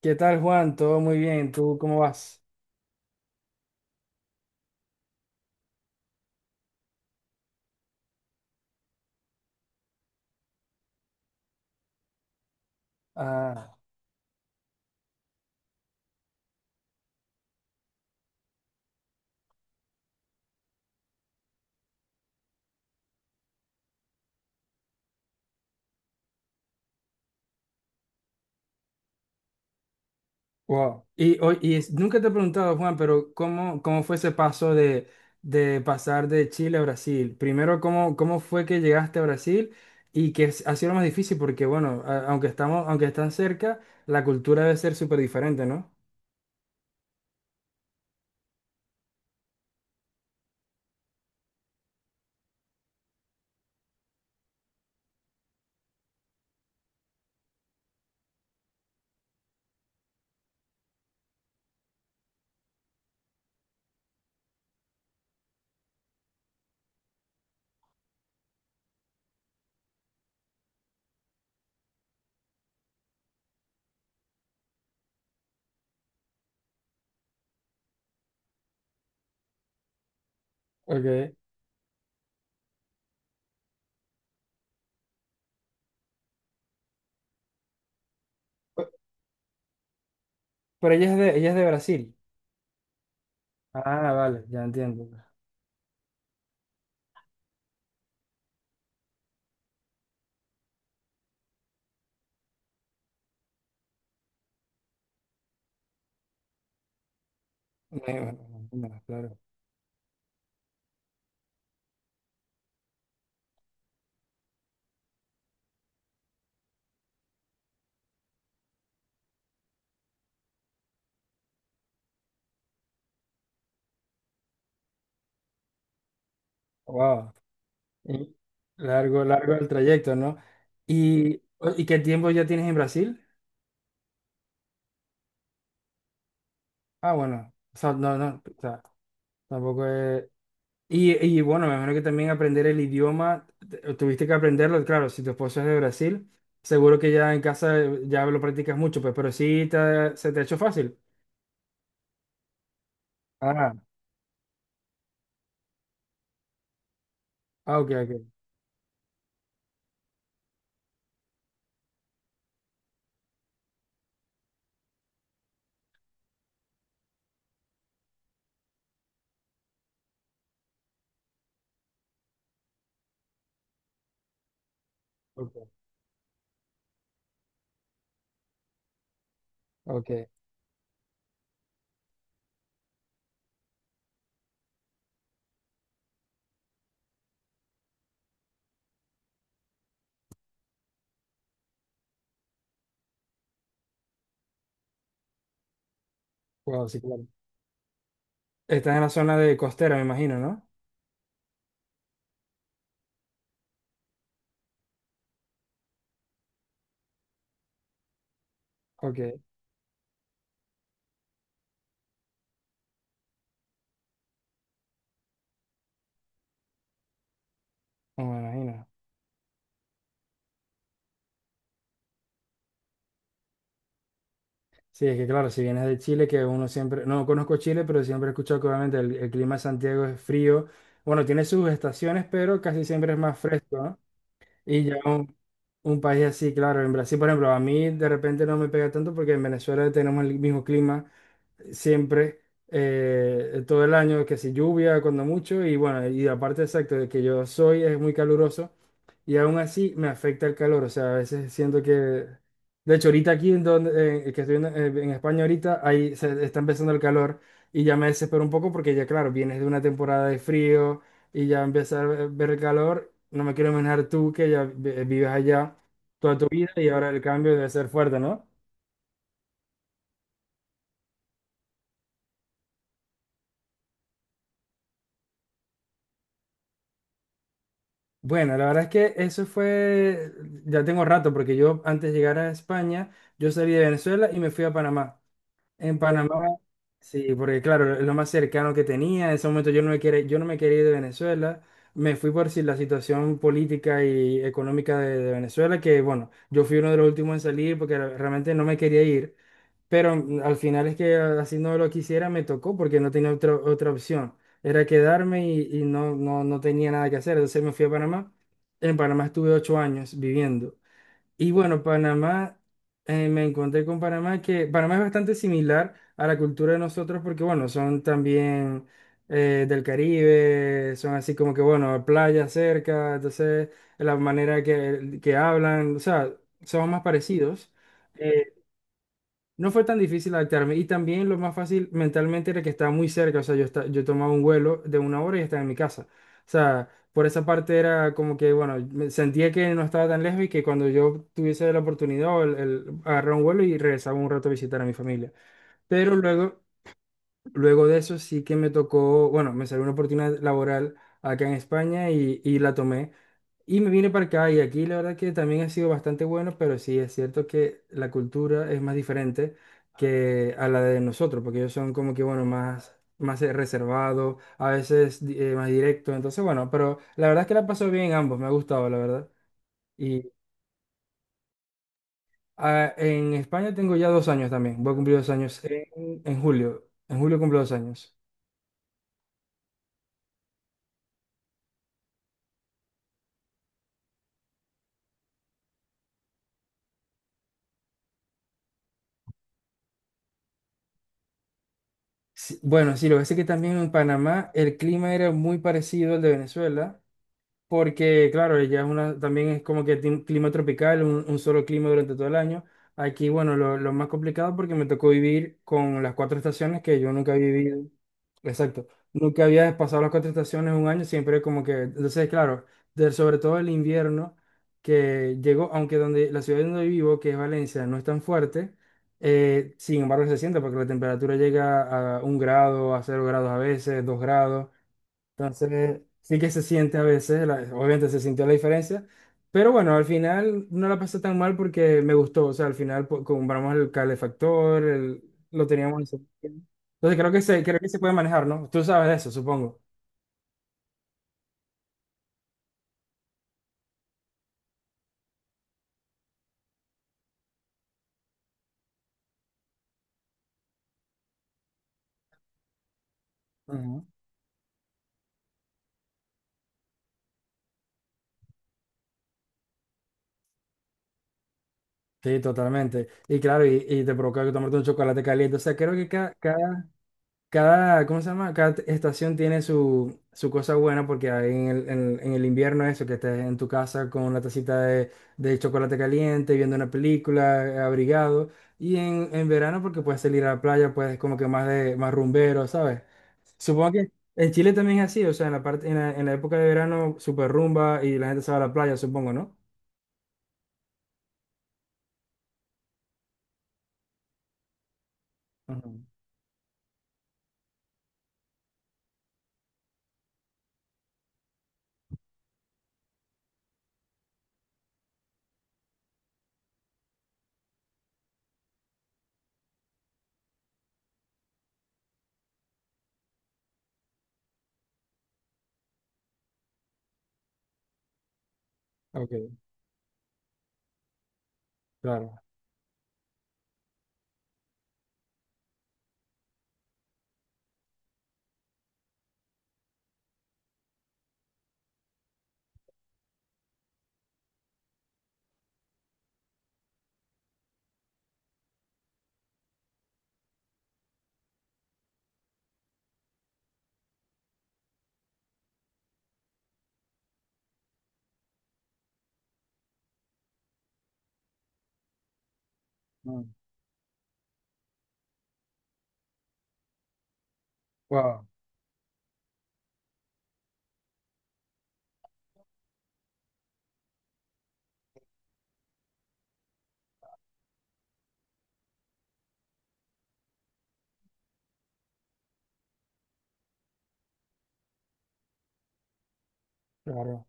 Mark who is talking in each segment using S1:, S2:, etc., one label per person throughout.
S1: ¿Qué tal, Juan? Todo muy bien. ¿Tú cómo vas? Ah, wow. Nunca te he preguntado, Juan, pero ¿cómo fue ese paso de pasar de Chile a Brasil? Primero, ¿cómo fue que llegaste a Brasil y que ha sido lo más difícil? Porque, bueno, aunque están cerca, la cultura debe ser súper diferente, ¿no? Okay. Pe- Pero ella es de Brasil. Ah, vale, ya entiendo. Me- me- Claro. Wow. Y largo, largo el trayecto, ¿no? ¿Y, y qué tiempo ya tienes en Brasil? Ah, bueno, o sea, no, no, o sea, tampoco es... Y, y bueno, me imagino que también aprender el idioma, tuviste que aprenderlo, claro, si tu esposo es de Brasil, seguro que ya en casa ya lo practicas mucho, pues, pero sí se te ha hecho fácil. Ah, ah, ok, ok, ok, ok, wow, sí, claro. Estás en la zona de costera, me imagino, ¿no? Ok, no, me imagino. Sí, es que claro, si vienes de Chile, que uno siempre, no conozco Chile, pero siempre he escuchado que obviamente el clima de Santiago es frío. Bueno, tiene sus estaciones, pero casi siempre es más fresco, ¿no? Y ya un país así, claro, en Brasil, por ejemplo, a mí de repente no me pega tanto porque en Venezuela tenemos el mismo clima siempre, todo el año, que si lluvia, cuando mucho, y bueno, y aparte exacto de que yo soy, es muy caluroso, y aún así me afecta el calor, o sea, a veces siento que, de hecho, ahorita aquí en donde, que estoy en España ahorita, ahí se está empezando el calor, y ya me desespero un poco porque ya, claro, vienes de una temporada de frío, y ya empieza a ver el calor, no me quiero imaginar tú que ya vives allá toda tu vida, y ahora el cambio debe ser fuerte, ¿no? Bueno, la verdad es que eso fue, ya tengo rato, porque yo antes de llegar a España, yo salí de Venezuela y me fui a Panamá. En Panamá, sí, porque claro, es lo más cercano que tenía. En ese momento yo no me quería ir de Venezuela. Me fui por si la situación política y económica de, Venezuela, que bueno, yo fui uno de los últimos en salir porque realmente no me quería ir. Pero al final es que así no lo quisiera, me tocó porque no tenía otra opción. Era quedarme y no, no, no tenía nada que hacer. Entonces me fui a Panamá. En Panamá estuve 8 años viviendo. Y bueno, Panamá, me encontré con Panamá, que Panamá es bastante similar a la cultura de nosotros porque, bueno, son también del Caribe, son así como que, bueno, playa cerca, entonces la manera que hablan, o sea, son más parecidos. eh, no fue tan difícil adaptarme y también lo más fácil mentalmente era que estaba muy cerca, o sea, yo, yo tomaba un vuelo de 1 hora y estaba en mi casa. O sea, por esa parte era como que, bueno, me sentía que no estaba tan lejos y que cuando yo tuviese la oportunidad, o el agarraba un vuelo y regresaba un rato a visitar a mi familia. Pero luego, de eso sí que me tocó, bueno, me salió una oportunidad laboral acá en España y la tomé. Y me vine para acá y aquí la verdad que también ha sido bastante bueno, pero sí es cierto que la cultura es más diferente que a la de nosotros, porque ellos son como que, bueno, más, reservados, a veces más directos, entonces bueno, pero la verdad es que la paso bien ambos, me ha gustado, la verdad. Y en España tengo ya 2 años también, voy a cumplir 2 años en julio, en julio cumplo 2 años. Sí, bueno, sí, lo que pasa es que también en Panamá el clima era muy parecido al de Venezuela. Porque, claro, ella es una, también es como que tiene un clima tropical, un, solo clima durante todo el año. Aquí, bueno, lo más complicado porque me tocó vivir con las cuatro estaciones que yo nunca había vivido. Exacto. Nunca había pasado las cuatro estaciones un año, siempre como que, entonces, claro, sobre todo el invierno que llegó, aunque donde la ciudad donde vivo, que es Valencia, no es tan fuerte, sin embargo se siente porque la temperatura llega a 1 grado, a 0 grados a veces, 2 grados. Entonces, sí que se siente a veces, obviamente se sintió la diferencia, pero bueno, al final no la pasé tan mal porque me gustó, o sea, al final compramos el calefactor, lo teníamos en Entonces creo que se, puede manejar, ¿no? Tú sabes de eso, supongo. Ujú. Sí, totalmente. Y claro, y te provoca tomarte un chocolate caliente, o sea, creo que cada, cada, ¿cómo se llama? Cada estación tiene su, su cosa buena porque hay en el, en el invierno eso, que estés en tu casa con una tacita de, chocolate caliente, viendo una película, abrigado. Y en verano porque puedes salir a la playa, puedes como que más de más rumbero, ¿sabes? Supongo que en Chile también es así, o sea, en la parte, en la época de verano, super rumba y la gente se va a la playa, supongo, ¿no? Ajá. Ok, claro. Wow, claro.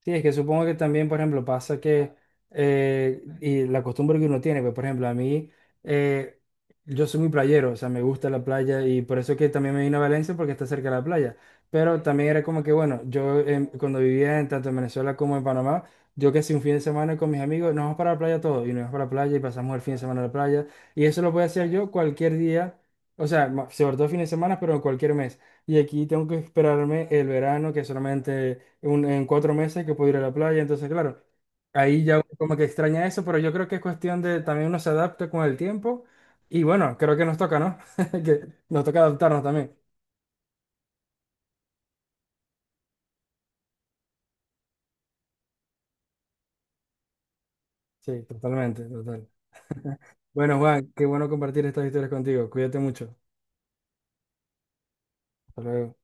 S1: Sí, es que supongo que también, por ejemplo, pasa que, y la costumbre que uno tiene, pues, por ejemplo, a mí, eh, yo soy muy playero, o sea, me gusta la playa y por eso que también me vine a Valencia porque está cerca de la playa. Pero también era como que, bueno, yo cuando vivía en, tanto en Venezuela como en Panamá, yo que si un fin de semana con mis amigos, nos vamos para la playa todos y nos vamos para la playa y pasamos el fin de semana en la playa. Y eso lo puedo hacer yo cualquier día, o sea, sobre todo fines de semana, pero en cualquier mes. Y aquí tengo que esperarme el verano, que solamente en 4 meses que puedo ir a la playa. Entonces, claro, ahí ya uno como que extraña eso, pero yo creo que es cuestión de también uno se adapta con el tiempo. Y bueno, creo que nos toca, ¿no? Que nos toca adaptarnos también. Sí, totalmente, total. Bueno, Juan, qué bueno compartir estas historias contigo. Cuídate mucho. Hasta luego.